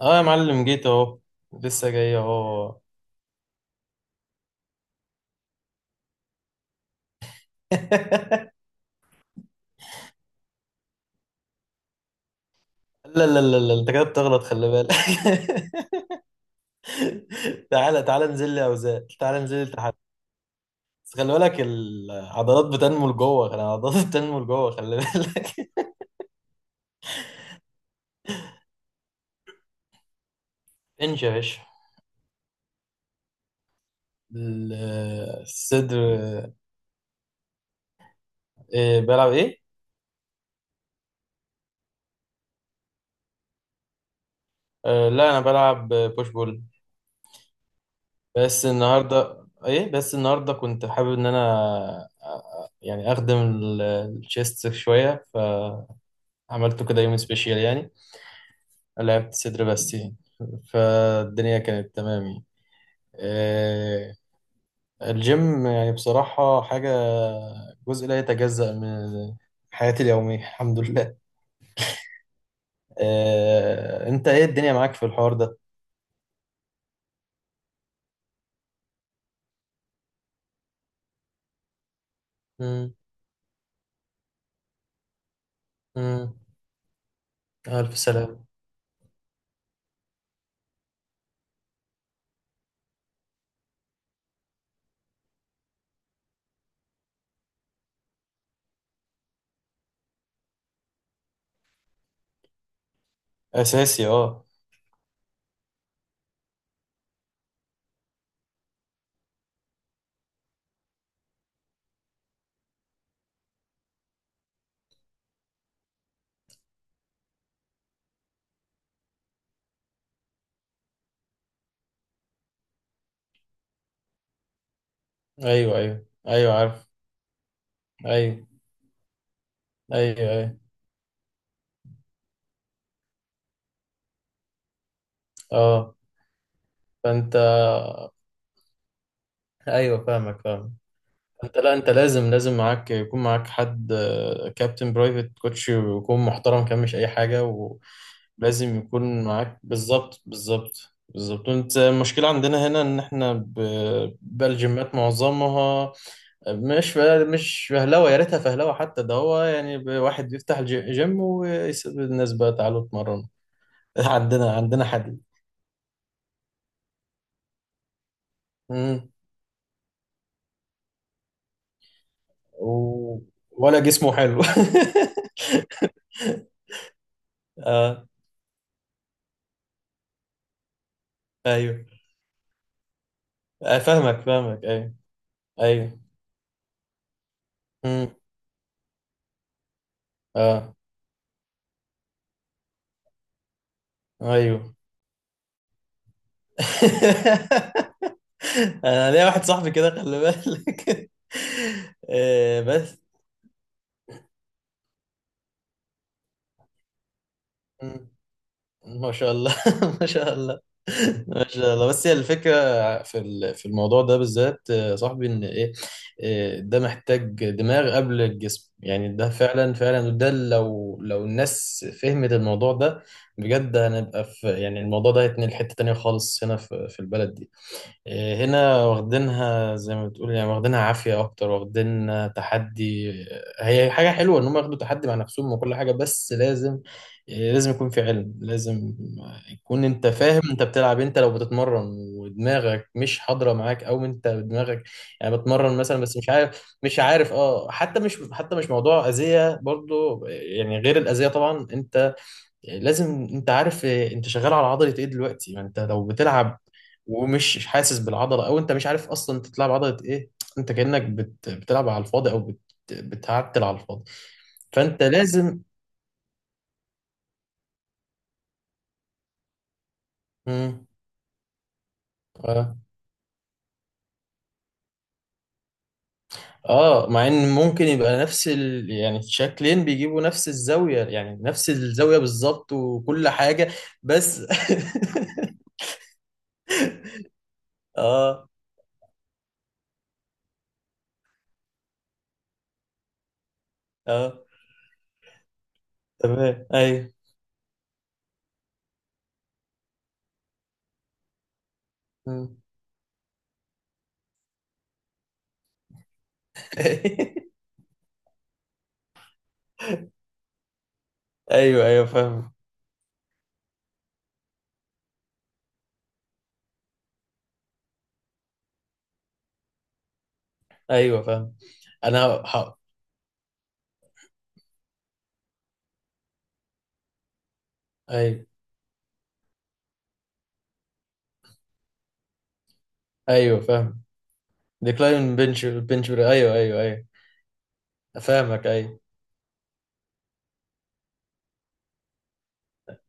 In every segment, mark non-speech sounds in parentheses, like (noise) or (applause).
اه يا معلم، جيت اهو. لسه جاي اهو. (laughs) لا لا لا لا، انت كده بتغلط، خلي بالك. (laughs) تعالى تعالى، انزل لي اوزان، تعالى انزل لي تحدي. بس خلي بالك العضلات بتنمو لجوه، خلي العضلات بتنمو لجوه، خلي بالك. (laughs) انش يا باشا. ال- الصدر. إيه بلعب ايه؟ آه لا، انا بلعب بوش بول. بس النهارده ايه، بس النهارده كنت حابب ان انا يعني اخدم الشيست شويه، ف عملته كده يوم سبيشيال يعني، لعبت صدر بس يعني، فالدنيا كانت تمام يعني. آه، الجيم يعني بصراحة حاجة، جزء لا يتجزأ من حياتي اليومية. (laughs) الحمد لله. انت ايه الدنيا معاك في الحوار ده؟ مم. مم. ألف سلام. أساسي، اه. أيوه أيوه أيوه، عارف. أيوه أيوه أيوه. اه. فأنت. ايوه فاهمك فاهمك. انت، لا انت لازم يكون معاك حد، كابتن برايفت كوتش، ويكون محترم، كان مش اي حاجه. ولازم يكون معاك بالظبط بالظبط بالظبط. انت المشكله عندنا هنا ان احنا بقى الجيمات معظمها مش ف- مش فهلوه، يا ريتها فهلوه حتى، ده هو يعني واحد بيفتح جيم ويسيب الناس بقى تعالوا اتمرنوا. (laughs) عندنا حديد. مم. و... ولا جسمه حلو. (laughs) اه، ايوه، فاهمك فاهمك، ايوه. ايوه، امم، اه، ايوه. (laughs) انا ليا واحد صاحبي كده، خلي بالك. (laughs) بس. مم. ما شاء الله. (laughs) ما شاء الله ما شاء الله. بس هي الفكره في الموضوع ده بالذات. صاحبي ان ايه، ده محتاج دماغ قبل الجسم يعني، ده فعلا فعلا، وده لو الناس فهمت الموضوع ده بجد، هنبقى في، يعني الموضوع ده هيتنقل حته تانيه خالص هنا في البلد دي. إيه، هنا واخدينها زي ما بتقول يعني، واخدينها عافية أكتر، واخدينها تحدي. هي حاجة حلوة إن هم ياخدوا تحدي مع نفسهم وكل حاجة، بس لازم، إيه، لازم يكون في علم، لازم يكون أنت فاهم أنت بتلعب إيه، أنت لو بتتمرن ودماغك مش حاضرة معاك، أو أنت دماغك يعني بتمرن مثلا بس مش عارف مش عارف، حتى مش، حتى مش موضوع أذية برضو يعني، غير الأذية طبعا أنت. يعني لازم انت عارف انت شغال على عضله ايه دلوقتي، ما انت لو بتلعب ومش حاسس بالعضله، او انت مش عارف اصلا انت بتلعب عضله ايه. انت كانك بتلعب على الفاضي، او بتعتل على الفاضي. فانت لازم. مم. اه اه، مع ان ممكن يبقى نفس يعني شكلين بيجيبوا نفس الزاويه، يعني نفس الزاويه بالظبط وكل حاجه. بس. (laughs) اه اه، تمام، ايوه. مم. (laughs) ايوه ايوه، فاهم. ايوه، فاهم. انا ح... ايوه ايوه، فاهم. ديكلاين بنش، بنش، ايوه ايوه ايوه. فاهمك، ايوه.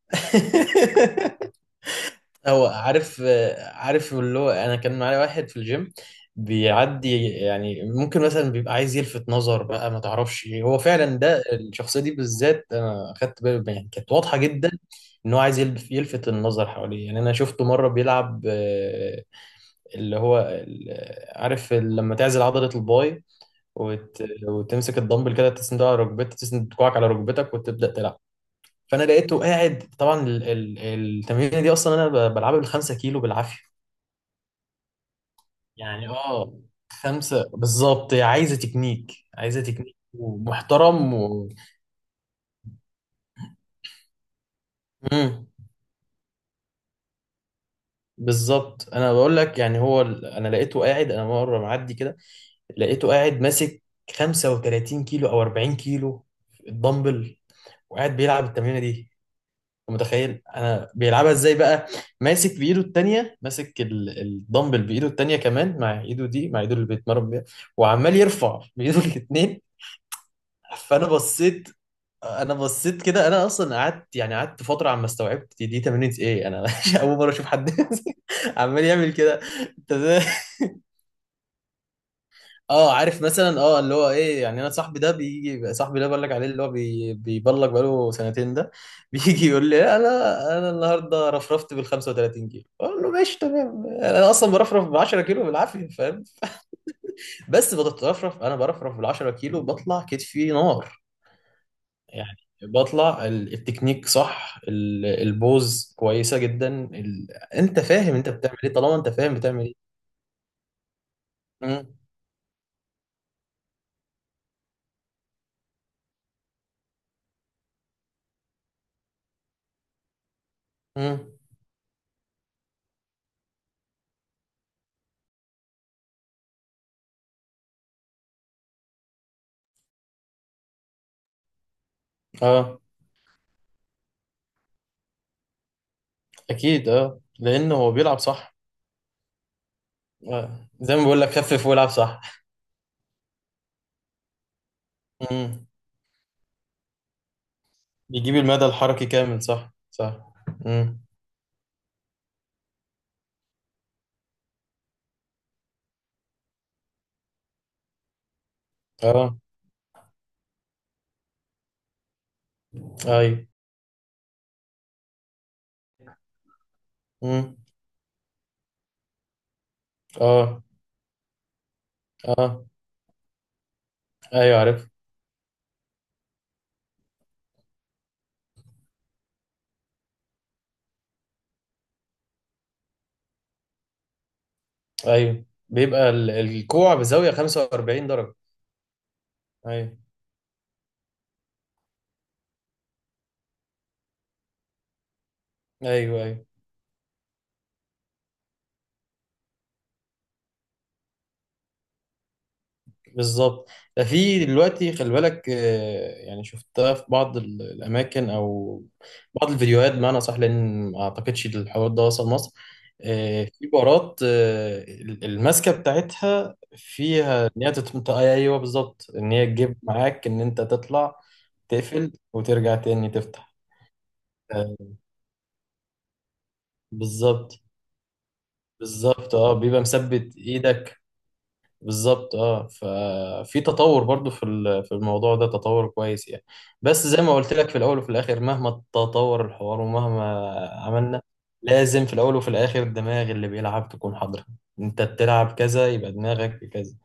(laughs) هو عارف، عارف، اللي هو انا كان معايا واحد في الجيم بيعدي، يعني ممكن مثلا بيبقى عايز يلفت نظر بقى، ما تعرفش إيه. هو فعلا ده الشخصيه دي بالذات انا اخدت بالي يعني، كانت واضحه جدا ان هو عايز يلفت النظر حواليه يعني. انا شفته مره بيلعب، اللي هو عارف لما تعزل عضله الباي وت... وتمسك الدمبل كده، تسنده على ركبتك، تسند كوعك على ركبتك، وتبدا تلعب. فانا لقيته قاعد طبعا. التمرين دي اصلا انا بلعبها بالخمسة كيلو بالعافيه يعني، اه، خمسة بالظبط، هي عايزه تكنيك، عايزه تكنيك ومحترم مم. بالظبط، انا بقول لك يعني هو انا لقيته قاعد، انا مره معدي كده لقيته قاعد ماسك 35 كيلو او 40 كيلو الدمبل، وقاعد بيلعب التمرينه دي. متخيل انا بيلعبها ازاي بقى؟ ماسك بايده التانية، ماسك الدمبل بايده التانية كمان، مع ايده دي، مع ايده اللي بيتمرن بيها، وعمال يرفع بايده (laughs) الاتنين. فانا بصيت، انا بصيت كده، انا اصلا قعدت يعني، قعدت فتره عما استوعبت دي تمرينة ايه. انا (laughs) اول مره اشوف حد (laughs) عمال يعمل كده. انت ازاي؟ اه، عارف، مثلا اللي هو ايه يعني، انا صاحبي ده بيجي، صاحبي اللي أنا بقول لك عليه اللي هو بيبلغ بقاله سنتين ده. (laughs) بيجي يقول لي انا، النهارده رفرفت بال 35 كيلو، اقول له ماشي تمام، انا اصلا برفرف ب 10 كيلو بالعافيه، فاهم؟ بس بتترفرف. انا برفرف بال 10 كيلو بطلع كتفي نار يعني، بطلع التكنيك صح، البوز كويسه جدا. ال... انت فاهم انت بتعمل ايه، طالما انت فاهم بتعمل ايه. امم امم، اه، اكيد، اه، لان هو بيلعب صح. زي ما بقول لك، خفف والعب صح. امم، بيجيب المدى الحركي كامل، صح صح. امم، اه، ايوه. امم، اه اه، ايوه، عارف، ايوه، بيبقى الكوع بزاوية 45 درجة. ايوه ايوه ايوه، بالظبط. ده في دلوقتي خلي بالك، يعني شفتها في بعض الاماكن او بعض الفيديوهات، بمعنى صح، لان ما اعتقدش الحوار ده وصل مصر. في بارات، الماسكه بتاعتها فيها ان هي ايوه بالظبط، ان هي تجيب معاك ان انت تطلع تقفل وترجع تاني تفتح. آه، بالظبط. بالظبط، اه، بيبقى مثبت ايدك. بالظبط، اه، ففي تطور برضو في الموضوع ده، تطور كويس يعني. بس زي ما قلت لك، في الاول وفي الاخر مهما تطور الحوار ومهما عملنا، لازم في الاول وفي الاخر الدماغ اللي بيلعب تكون حاضرة. انت بتلعب كذا يبقى دماغك في كذا.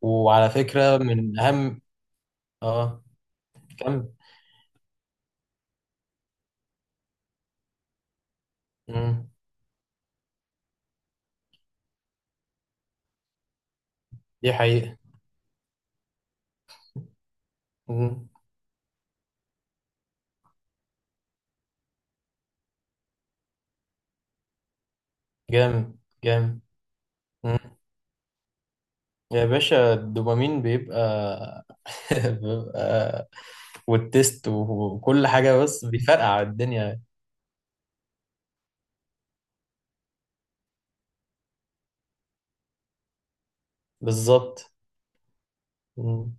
وعلى فكرة من اهم. اه، كم. مم. دي حقيقة. مم. جامد جامد. مم. يا باشا الدوبامين بيبقى (laughs) بيبقى، والتيست وكل حاجة، بس بيفرقع الدنيا. بالظبط. مم.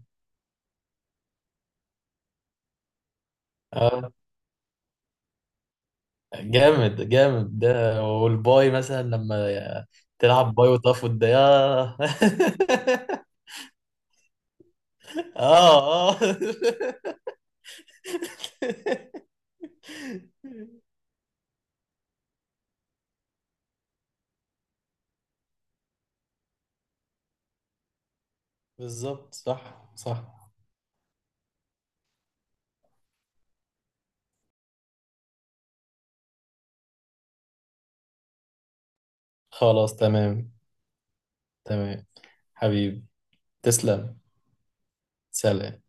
اه، جامد جامد، ده والباي مثلا لما تلعب باي وتقف، ده ياه. (laughs) اه اه. (laughs) بالظبط، صح صح. خلاص، تمام. تمام، حبيبي، تسلم. سلام.